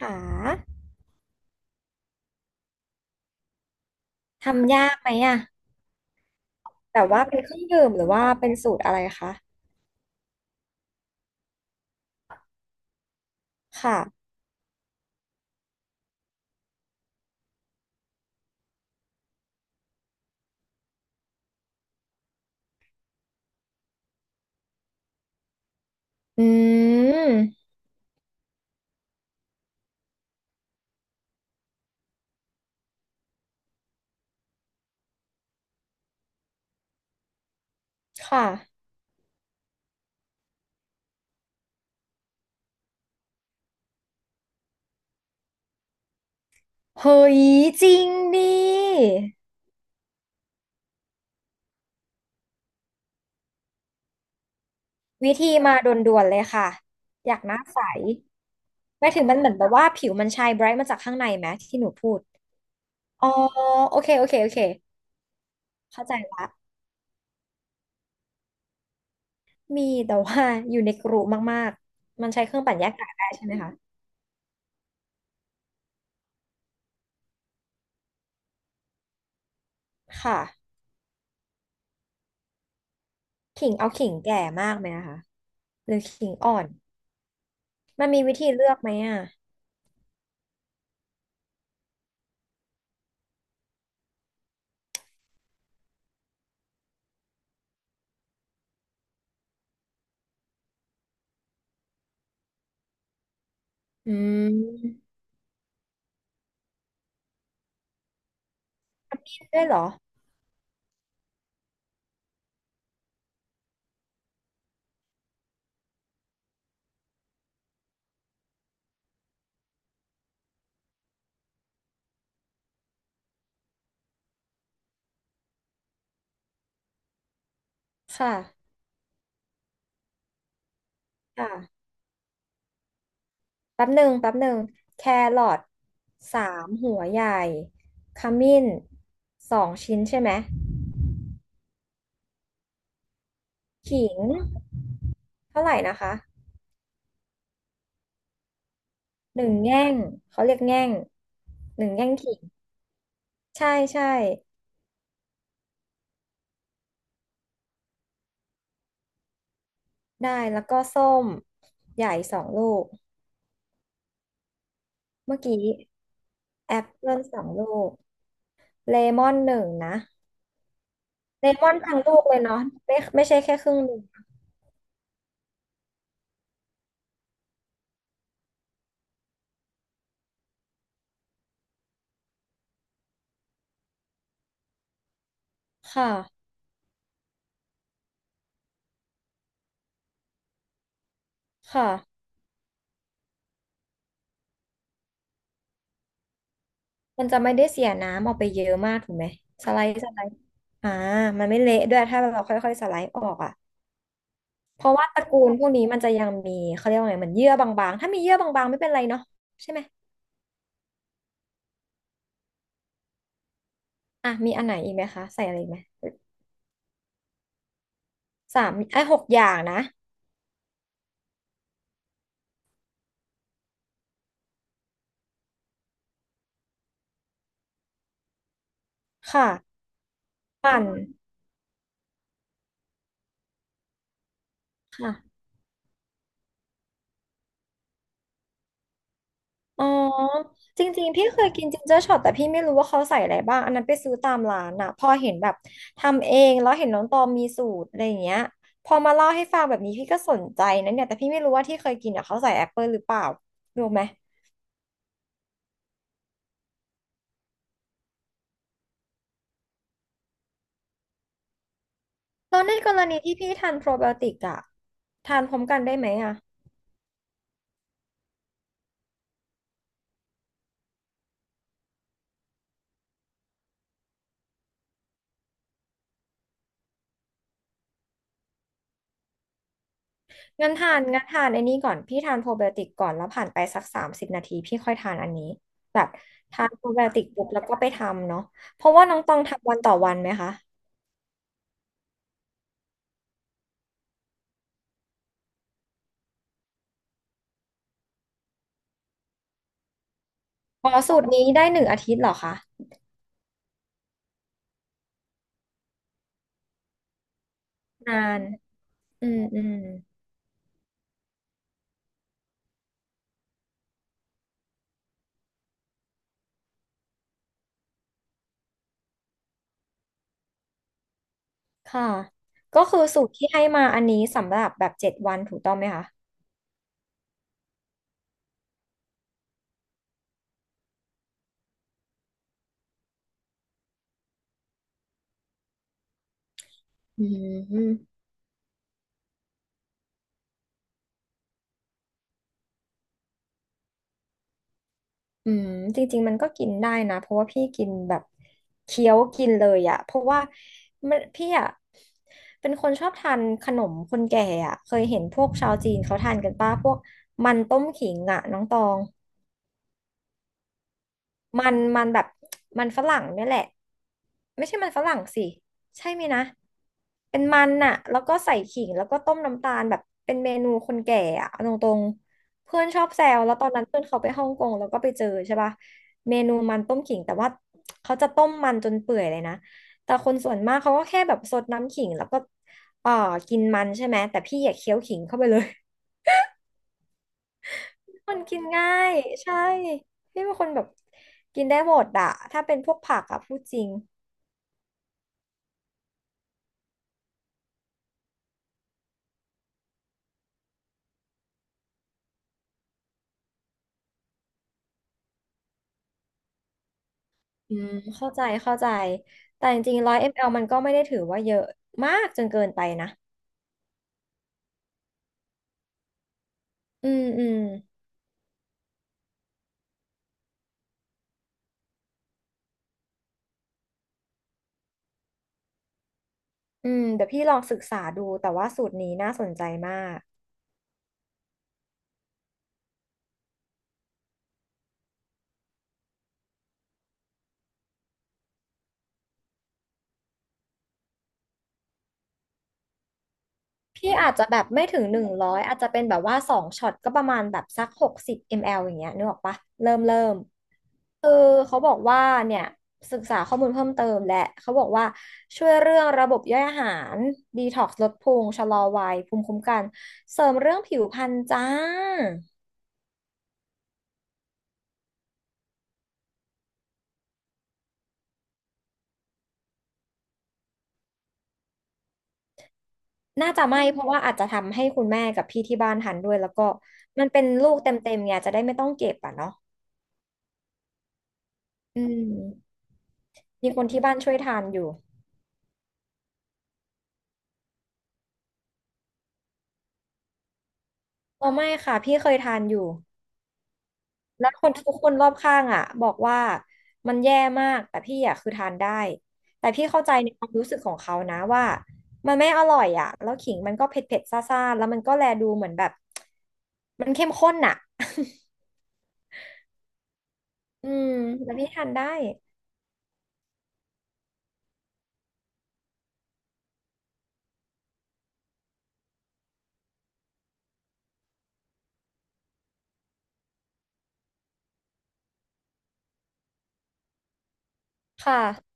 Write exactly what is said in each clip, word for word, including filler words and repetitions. หาทำยากไหมอะแบบว่าเป็นเครื่องดื่มหรือว่าเป็นสูตรอะไรคะค่ะอืมค่ะเฮ้ยจริงดิวิธีมาด่วนๆเลยค่ะอยากหน้าใสไม่ถึงมันเหมือนแบบว่าผิวมันชายไบรท์มาจากข้างในไหมที่หนูพูดอ๋อโอเคโอเคโอเคเข้าใจละมีแต่ว่าอยู่ในกรุมากๆมันใช้เครื่องปั่นแยกกากได้ใช่ไหมคะค่ะขิงเอาขิงแก่มากไหมนะคะหรือขิงอ่อนมันมีวิธีเลือกไหมอ่ะ อืมมีด้วยเหรอ ค่ะค่ะแป๊บหนึ่งแป๊บหนึ่งแครอทสามหัวใหญ่ขมิ้นสองชิ้นใช่ไหม ขิงเท่าไหร่นะคะ หนึ่งแง่งเขาเรียกแง่ง หนึ่งแง่งขิง ใช่ใช่ได้ แล้วก็ส้มใหญ่สองลูก เมื่อกี้แอปเปิลสองลูก เลมอนหนึ่งนะ เลมอนทั้งลูกเลยเนาะไม่ไม่ใช่แค่ครึ่งหนึ่งค่ะ ค่ะ มันจะไม่ได้เสียน้ำออกไปเยอะมากถูกไหมสไลด์สไลด์อ่ามันไม่เละด้วยถ้าเราค่อยๆสไลด์ออกอ่ะเพราะว่าตระกูลพวกนี้มันจะยังมีเขาเรียกว่าไงเหมือนเยื่อบางๆถ้ามีเยื่อบางๆไม่เป็นไรเนาะใช่ไหมอ่ะมีอันไหนอีกไหมคะใส่อะไรอีกไหมสามไอ้ยหกอย่างนะค่ะปั่นค่ะ อ๋อจริงๆพี่เคยกินจินเจอร์ช็อตแต่พี่ไม่รู้ว่าเขาใส่อะไรบ้างอันนั้นไปซื้อตามร้านน่ะพอเห็นแบบทำเองแล้วเห็นน้องตอมมีสูตรอะไรอย่างเงี้ยพอมาเล่าให้ฟังแบบนี้พี่ก็สนใจนะเนี่ยแต่พี่ไม่รู้ว่าที่เคยกินอ่ะเขาใส่แอปเปิลหรือเปล่ารู้ไหมแล้วในกรณีที่พี่ทานโปรไบโอติกอ่ะทานพร้อมกันได้ไหมอ่ะงั้นทานงั้นทานไอ้นี่ก่อนพี่ทานโปรไบโอติกก่อนแล้วผ่านไปสักสามสิบนาทีพี่ค่อยทานอันนี้แบบทานโปรไบโอติกปุ๊บแล้วก็ไปทำเนาะเพราะว่าน้องตองทำวันต่อวันไหมคะ อ๋อสูตรนี้ได้หนึ่งอาทิตย์เหรอคะนานอืมอืมค่ะก็คือสูตรที่ให้มาอันนี้สำหรับแบบเจ็ดวันถูกต้องไหมคะอืมอืมจริงๆมันก็กินได้นะเพราะว่าพี่กินแบบเคี้ยวกินเลยอะเพราะว่ามันพี่อะเป็นคนชอบทานขนมคนแก่อะเคยเห็นพวกชาวจีนเขาทานกันป้าพวกมันต้มขิงอะน้องตอง มันมันแบบมันฝรั่งเนี่ยแหละไม่ใช่มันฝรั่งสิใช่ไหมยนะเป็นมันน่ะแล้วก็ใส่ขิงแล้วก็ต้มน้ำตาลแบบเป็นเมนูคนแก่อะเอาตรงๆเพื่อนชอบแซวแล้วตอนนั้นเพื่อนเขาไปฮ่องกงแล้วก็ไปเจอใช่ปะเมนูมันต้มขิงแต่ว่าเขาจะต้มมันจนเปื่อยเลยนะแต่คนส่วนมากเขาก็แค่แบบซดน้ำขิงแล้วก็เอ่อกินมันใช่ไหมแต่พี่อยากเคี้ยวขิงเข้าไปเลย คนกินง่ายใช่พี่เป็นคนแบบกินได้หมดอะถ้าเป็นพวกผักอะพูดจริงอืมเข้าใจเข้าใจแต่จริงๆร้อยมลมันก็ไม่ได้ถือว่าเยอะมากจนเกินไปนะอืมอืมอืมเดี๋ยวพี่ลองศึกษาดูแต่ว่าสูตรนี้น่าสนใจมาก พี่อาจจะแบบไม่ถึงหนึ่งร้อยอาจจะเป็นแบบว่าสองช็อตก็ประมาณแบบสักหกสิบมลลิลิตรอย่างเงี้ยนึกออกปะเริ่มเริ่มคือเขาบอกว่าเนี่ยศึกษาข้อมูลเพิ่มเติมและเขาบอกว่าช่วยเรื่องระบบย่อยอาหารดีท็อกซ์ลดพุงชะลอวัยภูมิคุ้มกันเสริมเรื่องผิวพรรณจ้าน่าจะไม่เพราะว่าอาจจะทำให้คุณแม่กับพี่ที่บ้านทานด้วยแล้วก็มันเป็นลูกเต็มๆไงจะได้ไม่ต้องเก็บอ่ะเนาะอืมมีคนที่บ้านช่วยทานอยู่อ๋อไม่ค่ะพี่เคยทานอยู่ แล้วคนทุกคนรอบข้างอ่ะบอกว่ามันแย่มากแต่พี่อ่ะคือทานได้แต่พี่เข้าใจในความรู้สึกของเขานะว่ามันไม่อร่อยอ่ะแล้วขิงมันก็เผ็ดเผ็ดซาซ่าๆแล้วมันก็แลดูเหมือนแบบมันเข้มข้นอ่ะ อืมแล้วพี่ทานได้ค่ะ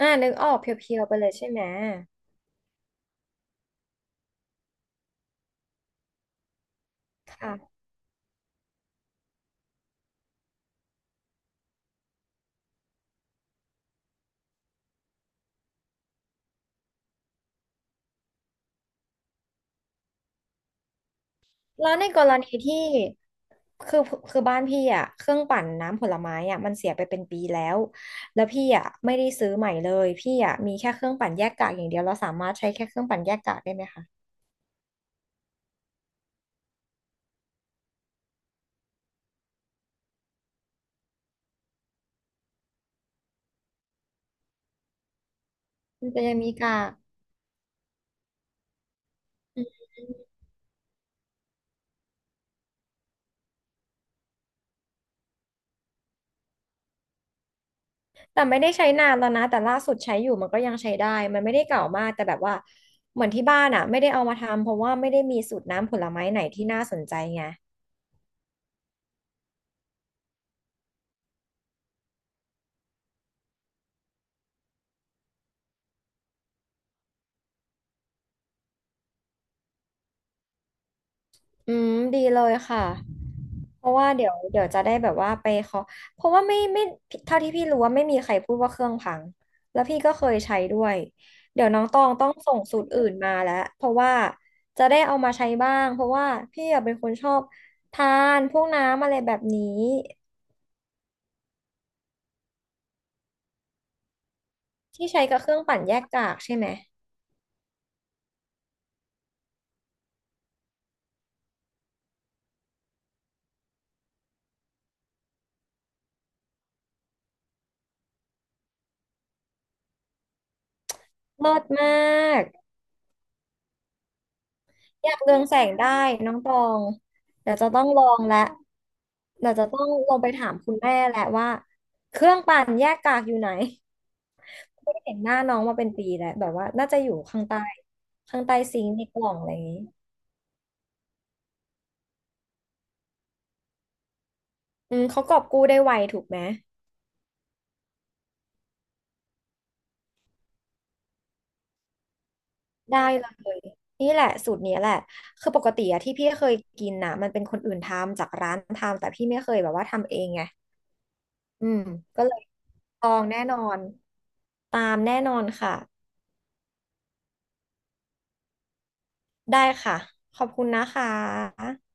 อ่านึกออกเพียวๆไปเลยใช่ไหมค่ะ แล้วในกรณีที่คือคือบ้านพี่อ่ะเครื่องปั่นน้ำผลไม้อ่ะมันเสียไปเป็นปีแล้วแล้วพี่อ่ะไม่ได้ซื้อใหม่เลยพี่อ่ะมีแค่เครื่องปั่นแยกกากอย่างเดียวเราสามารถใช้แค่เครื่องปั่นแยกกากได้ไหมคะมันจะยังมีกากอืมแต่ไม่ได้ใช้นานแล้วนะแต่ล่าสุดใช้อยู่มันก็ยังใช้ได้มันไม่ได้เก่ามากแต่แบบว่าเหมือนที่บ้านอ่ะไม่ได้เอามาทำเพราะว่าไม่ได้มีสูตรน้ำผลไม้ไหนที่น่าสนใจไง อืมดีเลยค่ะเพราะว่าเดี๋ยวเดี๋ยวจะได้แบบว่าไปขอเพราะว่าไม่ไม่เท่าที่พี่รู้ว่าไม่มีใครพูดว่าเครื่องพังแล้วพี่ก็เคยใช้ด้วยเดี๋ยวน้องตองต้องส่งสูตรอื่นมาแล้วเพราะว่าจะได้เอามาใช้บ้างเพราะว่าพี่อะเป็นคนชอบทานพวกน้ำอะไรแบบนี้ที่ใช้กับเครื่องปั่นแยกกากใช่ไหมเลิศมาก อยากเรืองแสงได้น้องตองเดี๋ยวจะต้องลองและเดี๋ยวจะต้องลงไปถามคุณแม่แหละว่าเครื่องปั่นแยกกากอยู่ไหนไม่เห็นหน้าน้องมาเป็นปีแล้วแบบว่าน่าจะอยู่ข้างใต้ข้างใต้ซิงค์ในกล่องอะไรอย่างนี้อืมเขากอบกู้ได้ไวถูกไหมได้เลยนี่แหละสูตรนี้แหละคือปกติอะที่พี่เคยกินนะมันเป็นคนอื่นทำจากร้านทำแต่พี่ไม่เคยแบบว่าทำเองไงอืมก็เลยลองแน่นอนตามแน่นอนค่ะ ได้ค่ะ ขอบคุณนะคะ